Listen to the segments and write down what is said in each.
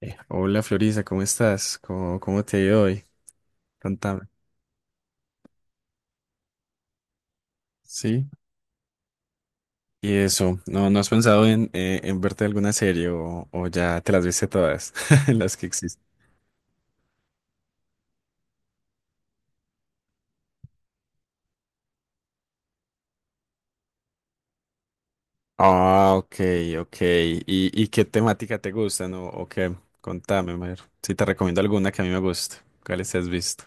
Hola Florisa, ¿cómo estás? ¿Cómo te ha ido hoy? Contame. Sí. Y eso, ¿no has pensado en verte alguna serie o ya te las viste todas, las que existen? Ah, ok, ok. ¿Y qué temática te gustan o qué? Contame, a ver. Si te recomiendo alguna que a mí me guste. ¿Cuáles te has visto?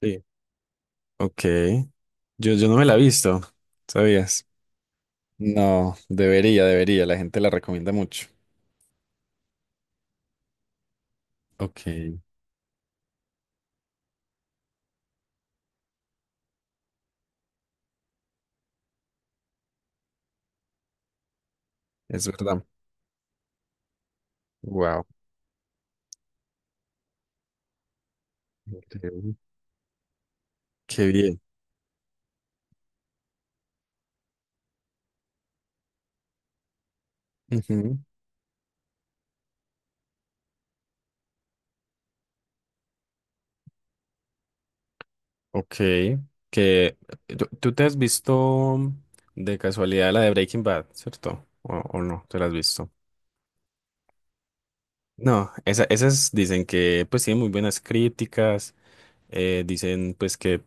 Sí. Ok. Yo no me la he visto, ¿sabías? No, debería, debería. La gente la recomienda mucho. Ok, es verdad. Wow. Qué bien. Ujú. Ok, que tú te has visto de casualidad la de Breaking Bad, ¿cierto? O no, te la has visto. No, esas dicen que pues tienen muy buenas críticas, dicen pues que,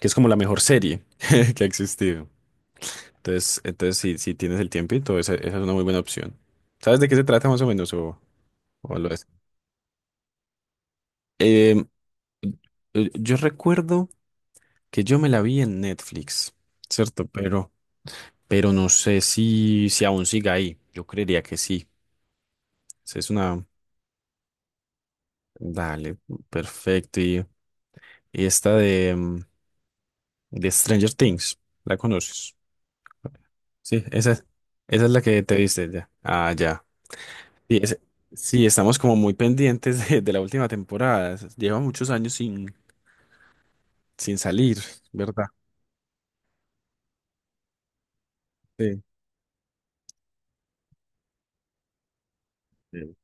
que es como la mejor serie que ha existido. Entonces si tienes el tiempito, esa es una muy buena opción. ¿Sabes de qué se trata más o menos o lo es? Em, yo recuerdo que yo me la vi en Netflix, ¿cierto? Pero no sé si aún siga ahí. Yo creería que sí. Esa es una... Dale, perfecto. Y esta de Stranger Things, ¿la conoces? Sí, esa es la que te viste ya. Ah, ya. Sí, sí, estamos como muy pendientes de la última temporada. Lleva muchos años sin salir, ¿verdad? Sí. Sí.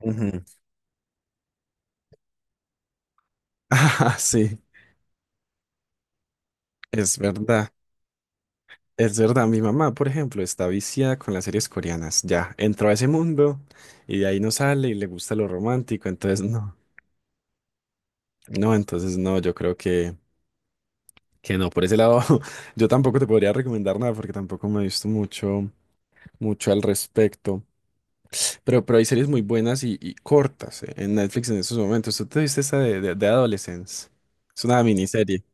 Ujú. Ah, sí, es verdad. Es verdad, mi mamá, por ejemplo, está viciada con las series coreanas. Ya, entró a ese mundo y de ahí no sale y le gusta lo romántico, entonces no. No, entonces no, yo creo que no. Por ese lado, yo tampoco te podría recomendar nada porque tampoco me he visto mucho, mucho al respecto. Pero hay series muy buenas y cortas, en Netflix en estos momentos. ¿Tú te viste esa de Adolescence? Es una miniserie.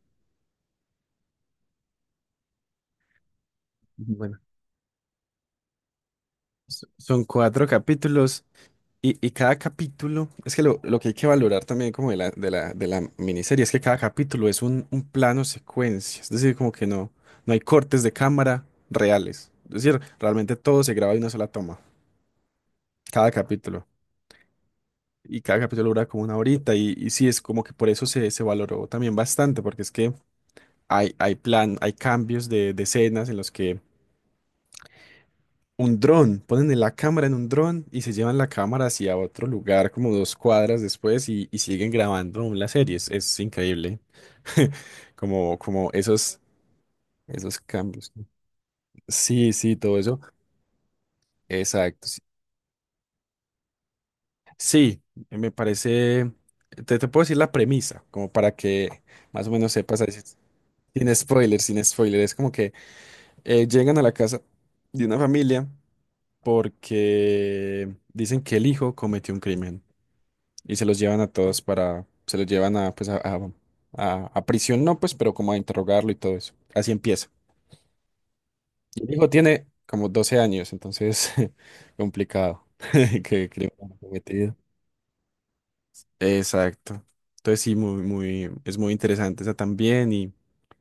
Bueno, son cuatro capítulos. Y cada capítulo, es que lo que hay que valorar también como de la, de la miniserie es que cada capítulo es un plano secuencia, es decir, como que no hay cortes de cámara reales, es decir, realmente todo se graba de una sola toma, cada capítulo, y cada capítulo dura como una horita, y sí, es como que por eso se valoró también bastante, porque es que hay cambios de escenas en los que un dron, ponen la cámara en un dron y se llevan la cámara hacia otro lugar como 2 cuadras después y siguen grabando aún la serie. Es increíble. Como esos, cambios. Sí, sí, todo eso. Exacto. Sí, sí, me parece. Te puedo decir la premisa, como para que más o menos sepas. Ahí sí. Sin spoiler, sin spoiler. Es como que llegan a la casa de una familia porque dicen que el hijo cometió un crimen. Y se los llevan a, pues, a prisión, no, pues, pero como a interrogarlo y todo eso. Así empieza. Y el hijo tiene como 12 años, entonces, complicado. ¿Que crimen han cometido? Exacto. Entonces sí, muy, muy, es muy interesante esa también y,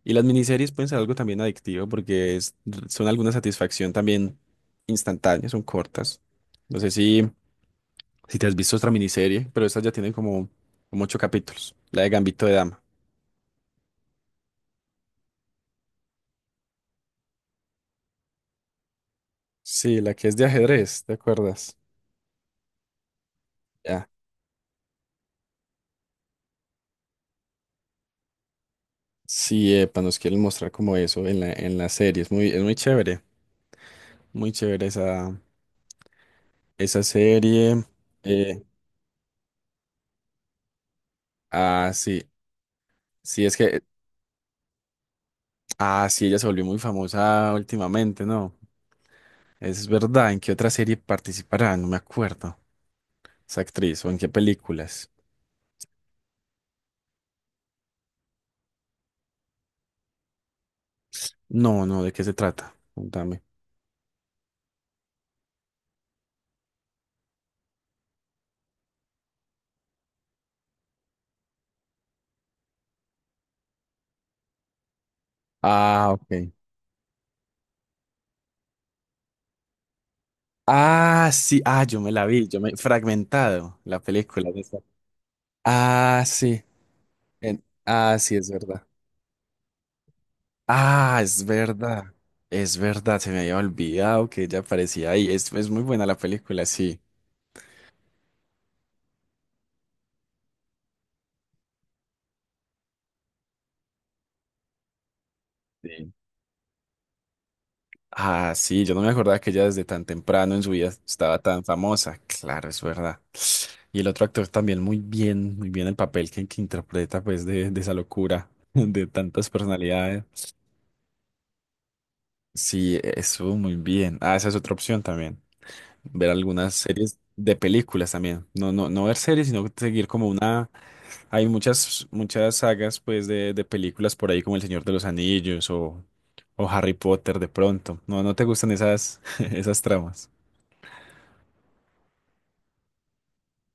y las miniseries pueden ser algo también adictivo porque son alguna satisfacción también instantánea, son cortas. No sé si te has visto otra miniserie, pero estas ya tienen como 8 capítulos. La de Gambito de Dama. Sí, la que es de ajedrez, ¿te acuerdas? Ya. Sí, epa, nos quieren mostrar como eso en la, serie. Es muy chévere, muy chévere esa serie. Eh, ah, sí, sí, es que, ah, sí, ella se volvió muy famosa últimamente, ¿no? Es verdad, ¿en qué otra serie participará? No me acuerdo. Esa actriz, o en qué películas. No, no, ¿de qué se trata? Contame. Ah, ok. Ah, sí, ah, yo me la vi, yo me fragmentado la película. Ah, sí. Ah, sí, es verdad. Ah, es verdad. Es verdad, se me había olvidado que ella aparecía ahí. Es muy buena la película, sí. Sí. Ah, sí, yo no me acordaba que ella desde tan temprano en su vida estaba tan famosa. Claro, es verdad. Y el otro actor también muy bien el papel que interpreta pues de esa locura, de tantas personalidades. Sí, estuvo muy bien. Ah, esa es otra opción también. Ver algunas series de películas también. No, no, no ver series, sino seguir como una. Hay muchas, muchas sagas pues de películas por ahí como El Señor de los Anillos o Harry Potter de pronto. No, no te gustan esas, esas tramas.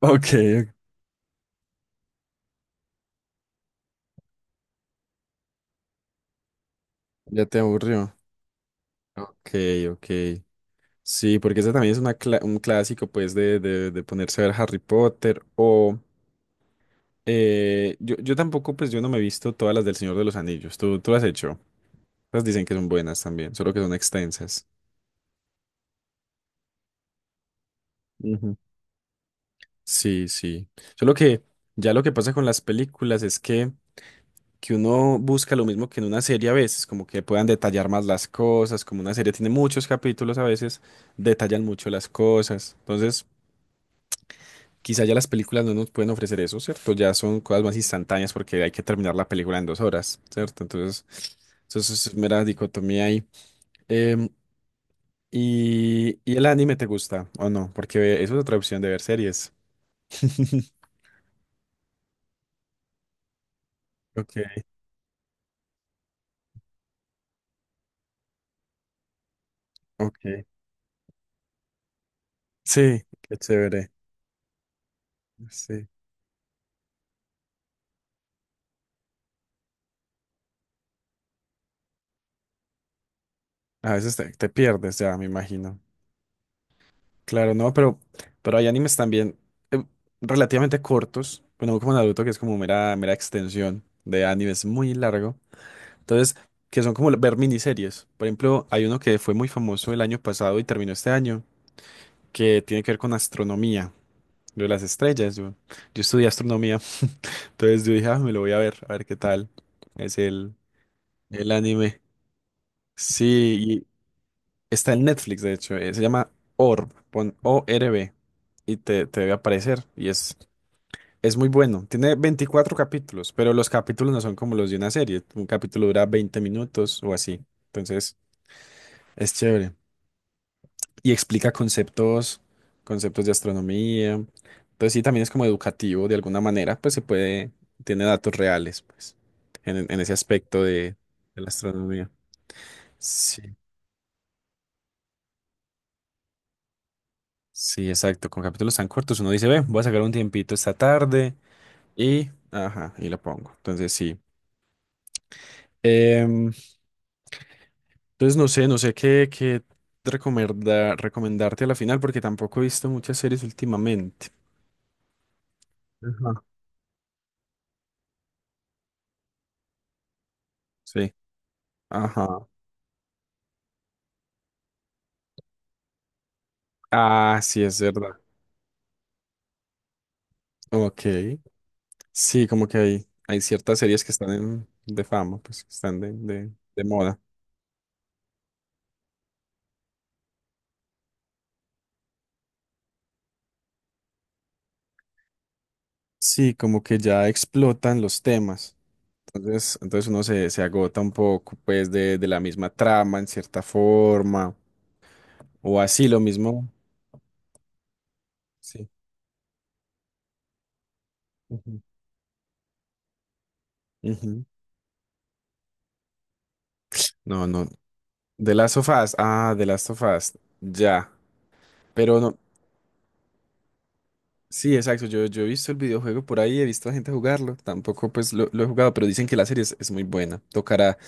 Ok. Ya te aburrió. Ok, ok. Sí, porque ese también es un clásico pues de ponerse a ver Harry Potter o yo tampoco pues yo no me he visto todas las del Señor de los Anillos. ¿Tú las has hecho? Las dicen que son buenas también, solo que son extensas. Ujú. Sí, sí. Solo que ya lo que pasa con las películas es que uno busca lo mismo que en una serie a veces, como que puedan detallar más las cosas, como una serie tiene muchos capítulos a veces, detallan mucho las cosas. Entonces, quizá ya las películas no nos pueden ofrecer eso, ¿cierto? Ya son cosas más instantáneas porque hay que terminar la película en 2 horas, ¿cierto? Entonces, eso es mera dicotomía ahí. Em, ¿Y el anime te gusta o no? Porque eso es otra opción de ver series. Ok, ok. Sí, qué chévere. Sí. A veces te pierdes ya, me imagino. Claro, no, pero hay animes también eh, relativamente cortos. Bueno, como Naruto, que es como mera, mera extensión de animes muy largo. Entonces, que son como ver miniseries. Por ejemplo, hay uno que fue muy famoso el año pasado y terminó este año, que tiene que ver con astronomía, lo de las estrellas. Yo estudié astronomía. Entonces yo dije, ah, me lo voy a ver qué tal. Es el anime. Sí, y está en Netflix, de hecho. Se llama Orb, pon ORB, y te debe aparecer. Y es muy bueno. Tiene 24 capítulos, pero los capítulos no son como los de una serie. Un capítulo dura 20 minutos o así. Entonces, es chévere y explica conceptos, de astronomía. Entonces sí, también es como educativo de alguna manera, pues se puede, tiene datos reales, pues, en ese aspecto de la astronomía. Sí, sí, exacto. Con capítulos tan cortos uno dice, ve, voy a sacar un tiempito esta tarde y, ajá, y lo pongo. Entonces sí. Em, entonces no sé qué recomendarte a la final porque tampoco he visto muchas series últimamente. Ajá. Sí, ajá. Ah, sí, es verdad. Ok, sí, como que hay ciertas series que están de fama, pues que están de moda. Sí, como que ya explotan los temas. Entonces uno se agota un poco, pues, de la misma trama en cierta forma, o así lo mismo. Sí. Ujú, ujú. No, no. De Last of Us. Ah, de Last of Us. Ya. Pero no. Sí, exacto. Yo he visto el videojuego por ahí, he visto a gente jugarlo. Tampoco, pues, lo he jugado, pero dicen que la serie es muy buena. Tocará.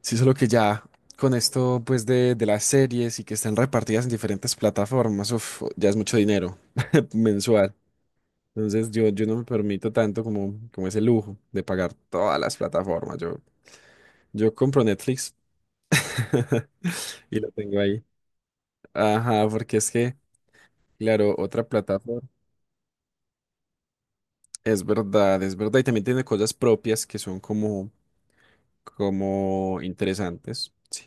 Sí, solo que ya con esto pues de las series y que están repartidas en diferentes plataformas, uf, ya es mucho dinero mensual. Entonces yo no me permito tanto como ese lujo de pagar todas las plataformas. Yo compro Netflix y lo tengo ahí. Ajá, porque es que, claro, otra plataforma. Es verdad, es verdad. Y también tiene cosas propias que son como interesantes, sí.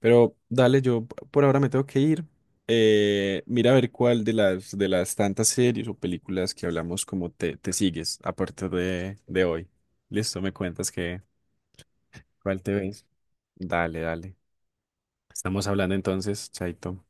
Pero dale, yo por ahora me tengo que ir. Mira a ver cuál de las tantas series o películas que hablamos como te sigues a partir de hoy. Listo, me cuentas que cuál te ves. Dale, dale. Estamos hablando entonces, Chaito.